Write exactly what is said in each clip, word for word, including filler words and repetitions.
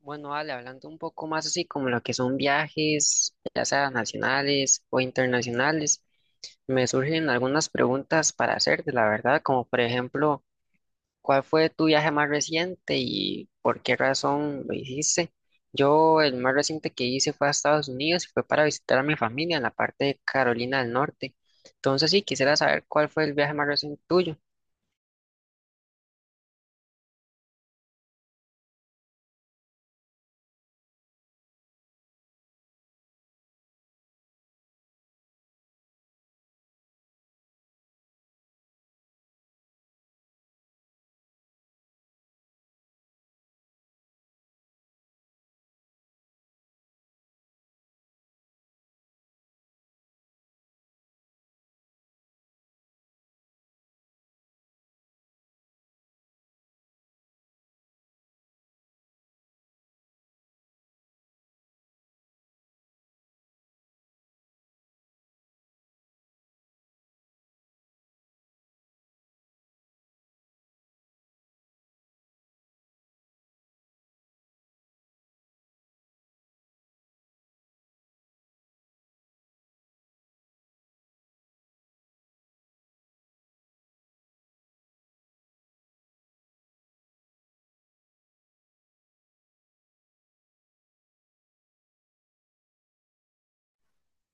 Bueno, Ale, hablando un poco más así como lo que son viajes, ya sea nacionales o internacionales, me surgen algunas preguntas para hacerte, la verdad, como por ejemplo, ¿cuál fue tu viaje más reciente y por qué razón lo hiciste? Yo el más reciente que hice fue a Estados Unidos y fue para visitar a mi familia en la parte de Carolina del Norte. Entonces sí, quisiera saber cuál fue el viaje más reciente tuyo.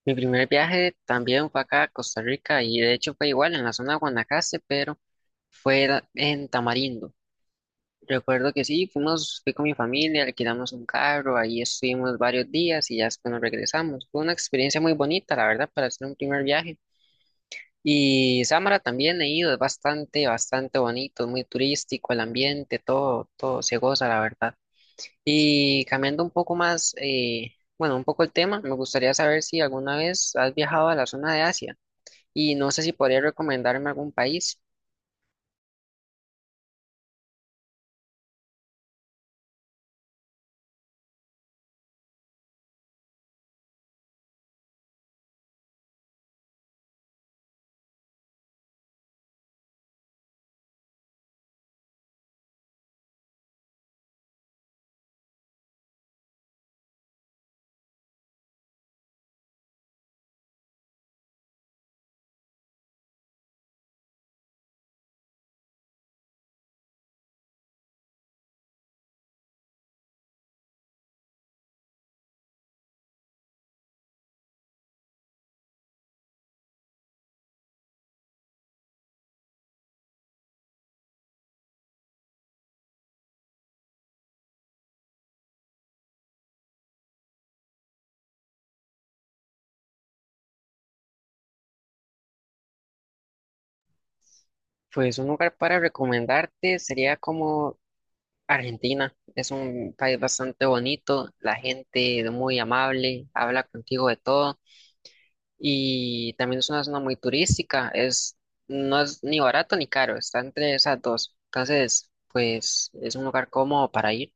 Mi primer viaje también fue acá a Costa Rica y de hecho fue igual en la zona de Guanacaste, pero fue la- en Tamarindo. Recuerdo que sí, fuimos, fui con mi familia, alquilamos un carro, ahí estuvimos varios días y ya después nos regresamos. Fue una experiencia muy bonita, la verdad, para hacer un primer viaje. Y Samara también he ido, es bastante, bastante bonito, es muy turístico, el ambiente, todo, todo se goza, la verdad. Y cambiando un poco más, eh, bueno, un poco el tema, me gustaría saber si alguna vez has viajado a la zona de Asia. Y no sé si podría recomendarme algún país. Pues un lugar para recomendarte sería como Argentina. Es un país bastante bonito, la gente es muy amable, habla contigo de todo y también es una zona muy turística. Es, no es ni barato ni caro, está entre esas dos. Entonces, pues es un lugar cómodo para ir.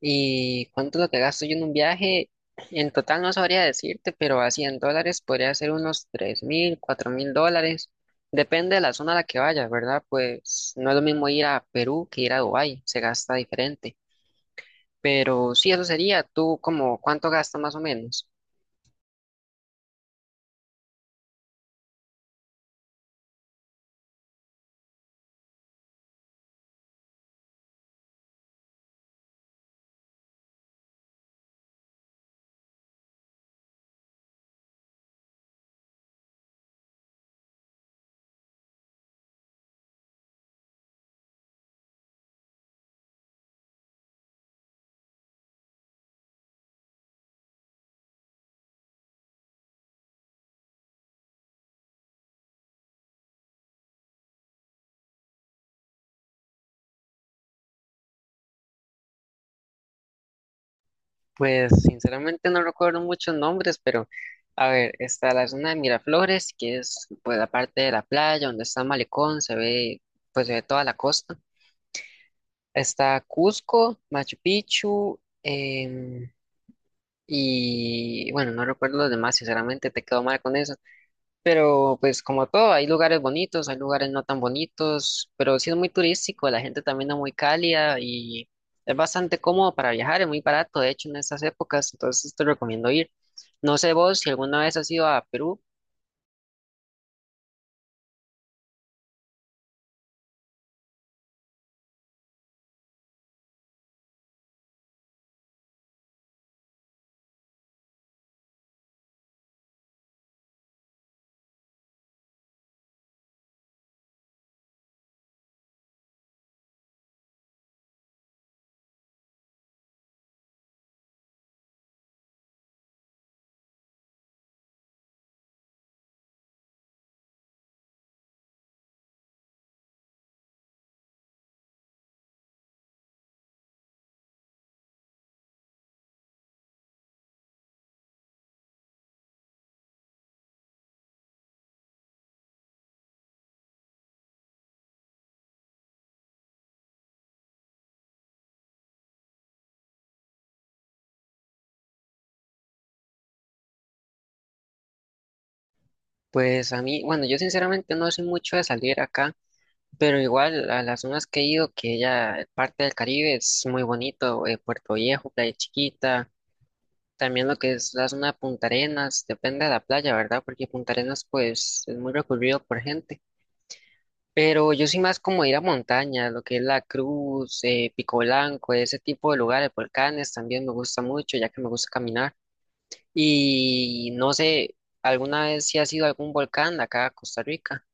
¿Y cuánto es lo que gasto yo en un viaje? En total no sabría decirte, pero a cien dólares podría ser unos tres mil, cuatro mil dólares. Depende de la zona a la que vayas, ¿verdad? Pues no es lo mismo ir a Perú que ir a Dubái, se gasta diferente. Pero sí, eso sería. ¿Tú como cuánto gastas más o menos? Pues sinceramente no recuerdo muchos nombres, pero a ver, está la zona de Miraflores, que es pues la parte de la playa donde está el malecón, se ve pues se ve toda la costa. Está Cusco, Machu Picchu, em, y bueno, no recuerdo los demás, sinceramente te quedo mal con eso. Pero pues como todo, hay lugares bonitos, hay lugares no tan bonitos, pero sí es muy turístico, la gente también es muy cálida y es bastante cómodo para viajar, es muy barato, de hecho, en estas épocas, entonces te recomiendo ir. No sé vos si alguna vez has ido a Perú. Pues a mí, bueno, yo sinceramente no soy mucho de salir acá. Pero igual a las zonas que he ido, que ya parte del Caribe es muy bonito, eh, Puerto Viejo, Playa Chiquita, también lo que es la zona de Punta Arenas, depende de la playa, ¿verdad? Porque Punta Arenas pues es muy recurrido por gente. Pero yo soy más como ir a montaña, lo que es La Cruz, eh, Pico Blanco, ese tipo de lugares, volcanes también me gusta mucho, ya que me gusta caminar. Y no sé, ¿alguna vez si has ido a algún volcán de acá a Costa Rica?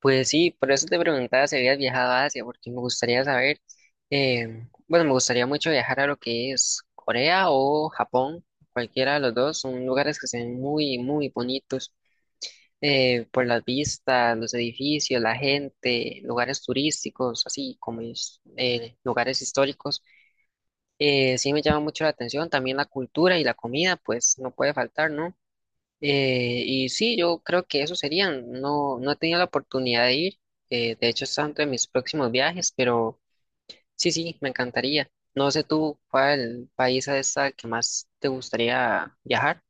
Pues sí, por eso te preguntaba si habías viajado a Asia, porque me gustaría saber, eh, bueno, me gustaría mucho viajar a lo que es Corea o Japón, cualquiera de los dos, son lugares que se ven muy, muy bonitos, eh, por las vistas, los edificios, la gente, lugares turísticos, así como es, eh, lugares históricos. Eh, sí me llama mucho la atención, también la cultura y la comida, pues no puede faltar, ¿no? Eh, y sí, yo creo que eso serían. No, no he tenido la oportunidad de ir. Eh, de hecho, está dentro de mis próximos viajes, pero sí, sí, me encantaría. No sé tú cuál país es el que más te gustaría viajar.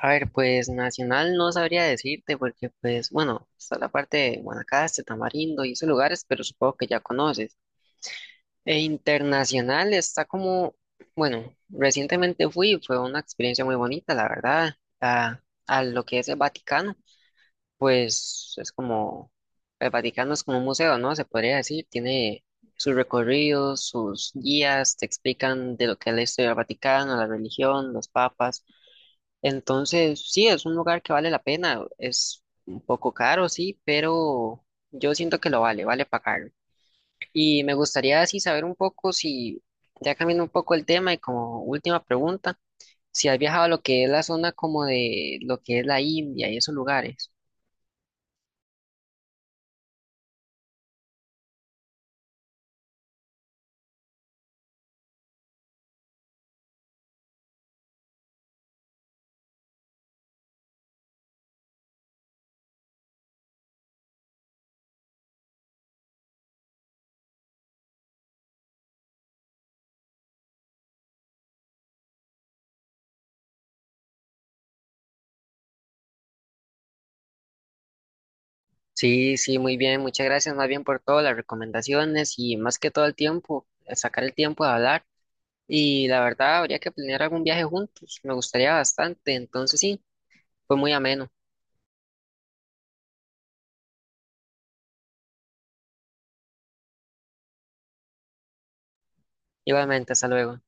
A ver, pues nacional no sabría decirte porque, pues, bueno, está la parte de Guanacaste, Tamarindo y esos lugares, pero supongo que ya conoces. E internacional está como, bueno, recientemente fui, fue una experiencia muy bonita, la verdad, a, a lo que es el Vaticano. pues es como, el Vaticano es como un museo, ¿no? Se podría decir, tiene sus recorridos, sus guías, te explican de lo que es la historia del Vaticano, la religión, los papas. Entonces, sí, es un lugar que vale la pena, es un poco caro, sí, pero yo siento que lo vale, vale pagarlo. Y me gustaría así saber un poco si, ya cambiando un poco el tema y como última pregunta, si has viajado a lo que es la zona como de lo que es la India y esos lugares. Sí, sí, muy bien. Muchas gracias más bien por todas las recomendaciones y más que todo el tiempo, eh, sacar el tiempo de hablar. Y la verdad, habría que planear algún viaje juntos. Me gustaría bastante. Entonces, sí, fue muy ameno. Igualmente, hasta luego.